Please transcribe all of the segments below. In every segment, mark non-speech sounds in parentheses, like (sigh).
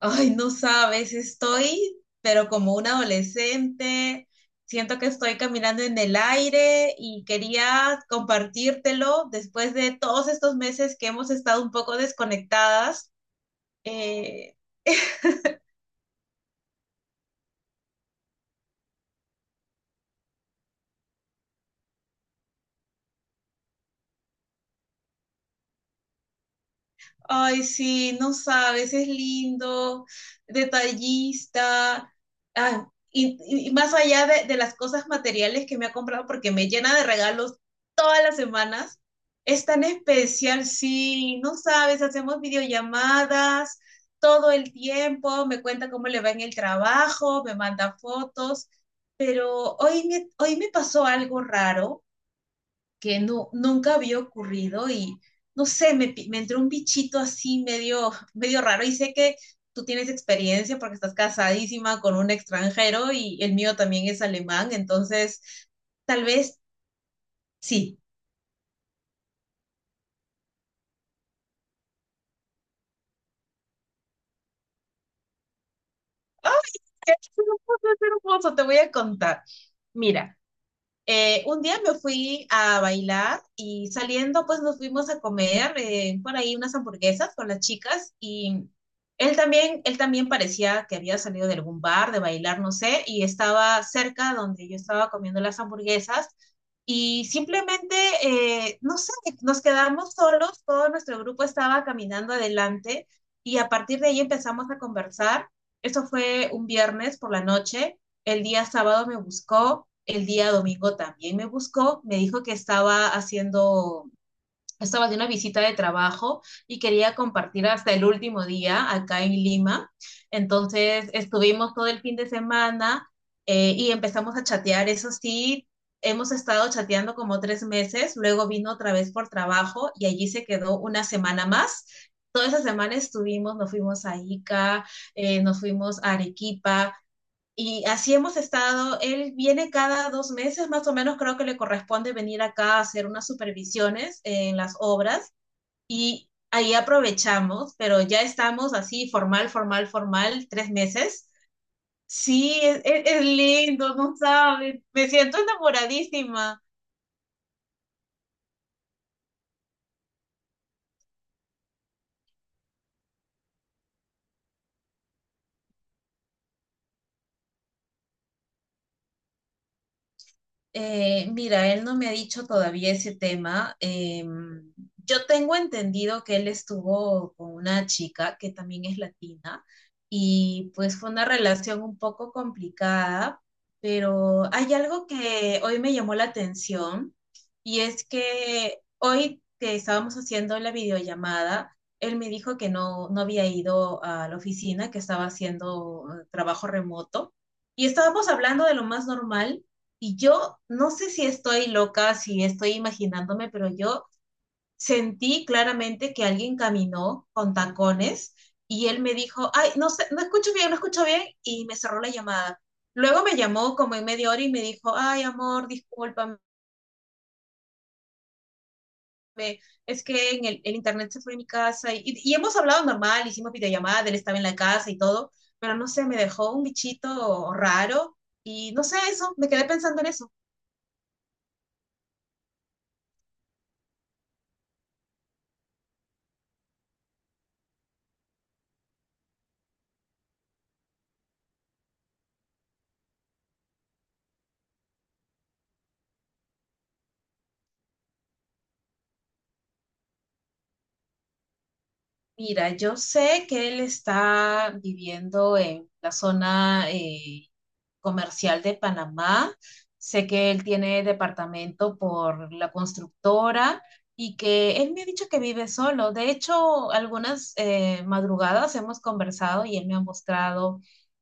Ay, no sabes, estoy, pero como un adolescente, siento que estoy caminando en el aire y quería compartírtelo después de todos estos meses que hemos estado un poco desconectadas. eh, (laughs) Ay, sí, no sabes, es lindo, detallista, y más allá de las cosas materiales que me ha comprado, porque me llena de regalos todas las semanas, es tan especial, sí, no sabes, hacemos videollamadas todo el tiempo, me cuenta cómo le va en el trabajo, me manda fotos, pero hoy me pasó algo raro que no, nunca había ocurrido y no sé, me entró un bichito así medio, medio raro y sé que tú tienes experiencia porque estás casadísima con un extranjero y el mío también es alemán, entonces tal vez sí. (laughs) Ok, es hermoso, te voy a contar. Mira, un día me fui a bailar y saliendo pues nos fuimos a comer por ahí unas hamburguesas con las chicas y él también parecía que había salido de algún bar, de bailar, no sé, y estaba cerca donde yo estaba comiendo las hamburguesas y simplemente, no sé, nos quedamos solos, todo nuestro grupo estaba caminando adelante y a partir de ahí empezamos a conversar. Eso fue un viernes por la noche. El día sábado me buscó, el día domingo también me buscó, me dijo que estaba haciendo, estaba de una visita de trabajo y quería compartir hasta el último día acá en Lima. Entonces estuvimos todo el fin de semana y empezamos a chatear, eso sí. Hemos estado chateando como 3 meses, luego vino otra vez por trabajo y allí se quedó una semana más. Toda esa semana estuvimos, nos fuimos a Ica, nos fuimos a Arequipa, y así hemos estado. Él viene cada 2 meses, más o menos creo que le corresponde venir acá a hacer unas supervisiones en las obras y ahí aprovechamos, pero ya estamos así formal, formal, formal, 3 meses. Sí, es, es lindo, no sabes. Me siento enamoradísima. Mira, él no me ha dicho todavía ese tema. Yo tengo entendido que él estuvo con una chica que también es latina y pues fue una relación un poco complicada, pero hay algo que hoy me llamó la atención y es que hoy que estábamos haciendo la videollamada, él me dijo que no, no había ido a la oficina, que estaba haciendo trabajo remoto y estábamos hablando de lo más normal. Y yo no sé si estoy loca, si estoy imaginándome, pero yo sentí claramente que alguien caminó con tacones y él me dijo, ay, no sé, no escucho bien, no escucho bien, y me cerró la llamada. Luego me llamó como en media hora y me dijo, ay, amor, discúlpame, es que en el internet se fue de mi casa y hemos hablado normal, hicimos videollamada, él estaba en la casa y todo, pero no sé, me dejó un bichito raro y no sé eso, me quedé pensando en eso. Mira, yo sé que él está viviendo en la zona comercial de Panamá. Sé que él tiene departamento por la constructora y que él me ha dicho que vive solo. De hecho, algunas madrugadas hemos conversado y él me ha mostrado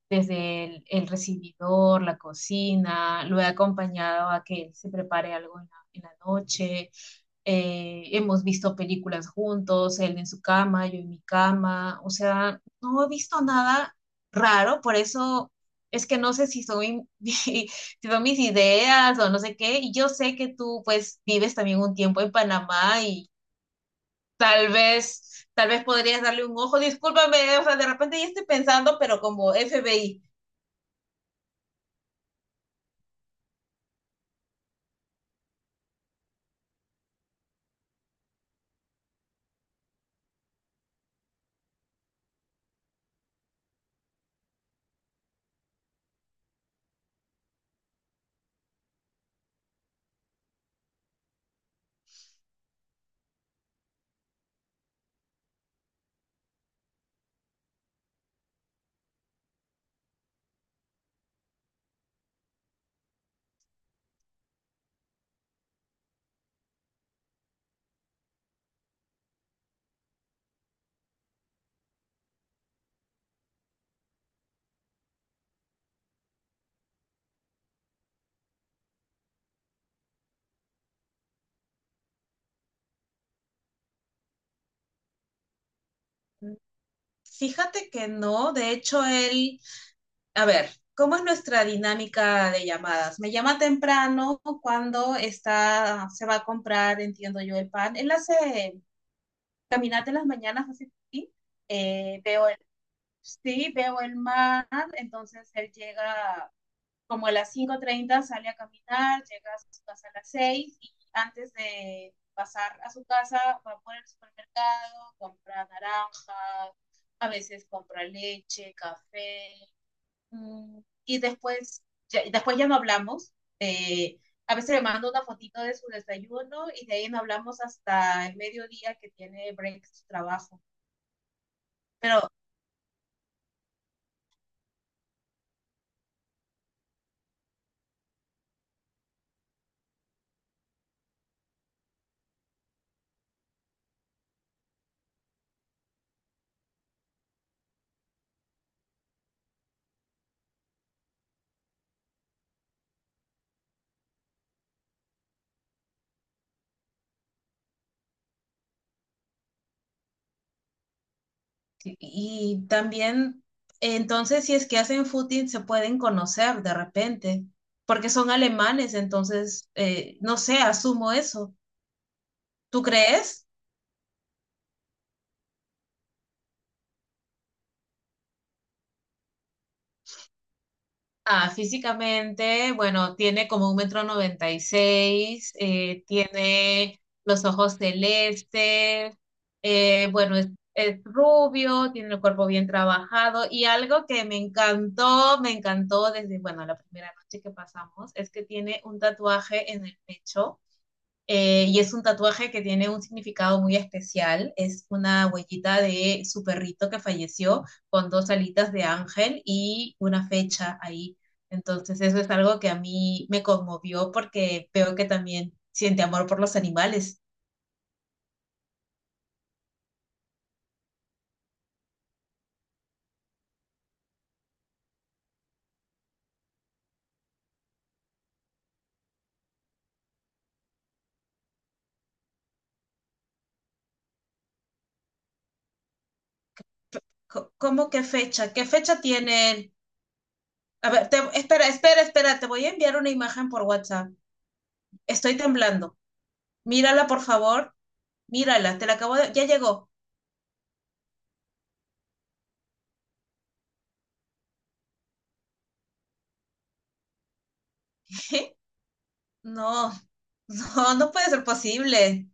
desde el recibidor, la cocina. Lo he acompañado a que él se prepare algo en la noche. Hemos visto películas juntos, él en su cama, yo en mi cama, o sea, no he visto nada raro, por eso es que no sé si son, (laughs) si son mis ideas o no sé qué, y yo sé que tú pues vives también un tiempo en Panamá y tal vez podrías darle un ojo, discúlpame, o sea, de repente ya estoy pensando, pero como FBI. Fíjate que no, de hecho. Él A ver, ¿cómo es nuestra dinámica de llamadas? Me llama temprano cuando está, se va a comprar, entiendo yo, el pan. Él hace caminata en las mañanas, hace pipí. Eh, veo el, sí, veo el mar, entonces él llega como a las 5:30, sale a caminar, llega a su casa a las 6 y antes de pasar a su casa va por el supermercado, compra naranjas, a veces compra leche, café. Mm, Y después ya, después ya no hablamos. eh, a veces le mando una fotito de su desayuno y de ahí no hablamos hasta el mediodía que tiene break su trabajo. Pero y y también, entonces, si es que hacen footing, se pueden conocer de repente, porque son alemanes, entonces, no sé, asumo eso. ¿Tú crees? Ah, físicamente, bueno, tiene como un metro 96, tiene los ojos celestes, bueno, es rubio, tiene el cuerpo bien trabajado y algo que me encantó desde, bueno, la primera noche que pasamos, es que tiene un tatuaje en el pecho. Y es un tatuaje que tiene un significado muy especial. Es una huellita de su perrito que falleció con dos alitas de ángel y una fecha ahí. Entonces eso es algo que a mí me conmovió porque veo que también siente amor por los animales. ¿Cómo qué fecha? ¿Qué fecha tiene? A ver, espera, espera, espera, te voy a enviar una imagen por WhatsApp. Estoy temblando. Mírala, por favor. Mírala, te la acabo de... Ya llegó. (laughs) No, no, no puede ser posible.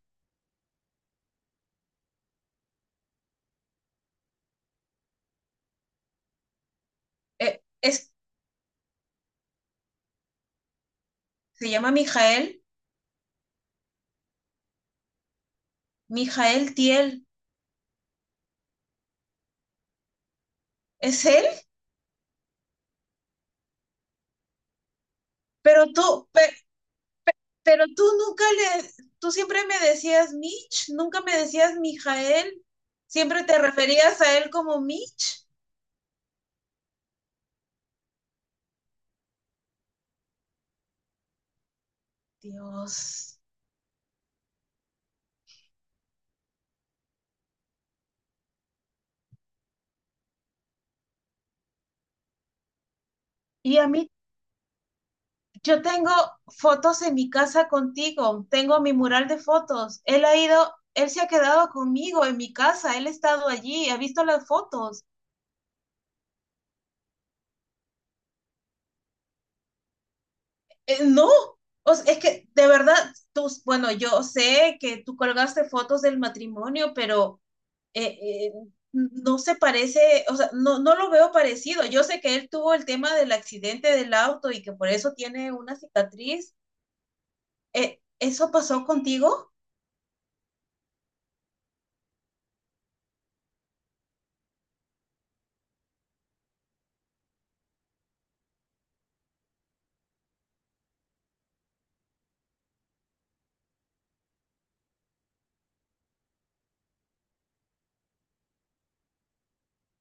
Eh, es, se llama Mijael, Mijael Tiel. ¿Es él? Pero tú, pe- pero tú nunca le, tú siempre me decías Mitch, nunca me decías Mijael. Siempre te referías a él como Mitch. Dios. Y a mí, yo tengo fotos en mi casa contigo, tengo mi mural de fotos. Él ha ido, él se ha quedado conmigo en mi casa, él ha estado allí, ha visto las fotos. No, o sea, es que de verdad, tú, bueno, yo sé que tú colgaste fotos del matrimonio, pero eh, eh, no se parece, o sea, no, no lo veo parecido. Yo sé que él tuvo el tema del accidente del auto y que por eso tiene una cicatriz. ¿Eso pasó contigo?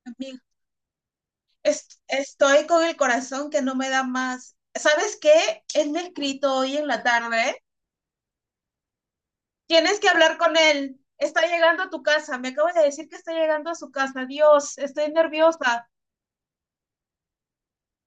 Amiga, estoy con el corazón que no me da más. ¿Sabes qué? Él me ha escrito hoy en la tarde. Tienes que hablar con él. Está llegando a tu casa. Me acaba de decir que está llegando a su casa. Dios, estoy nerviosa.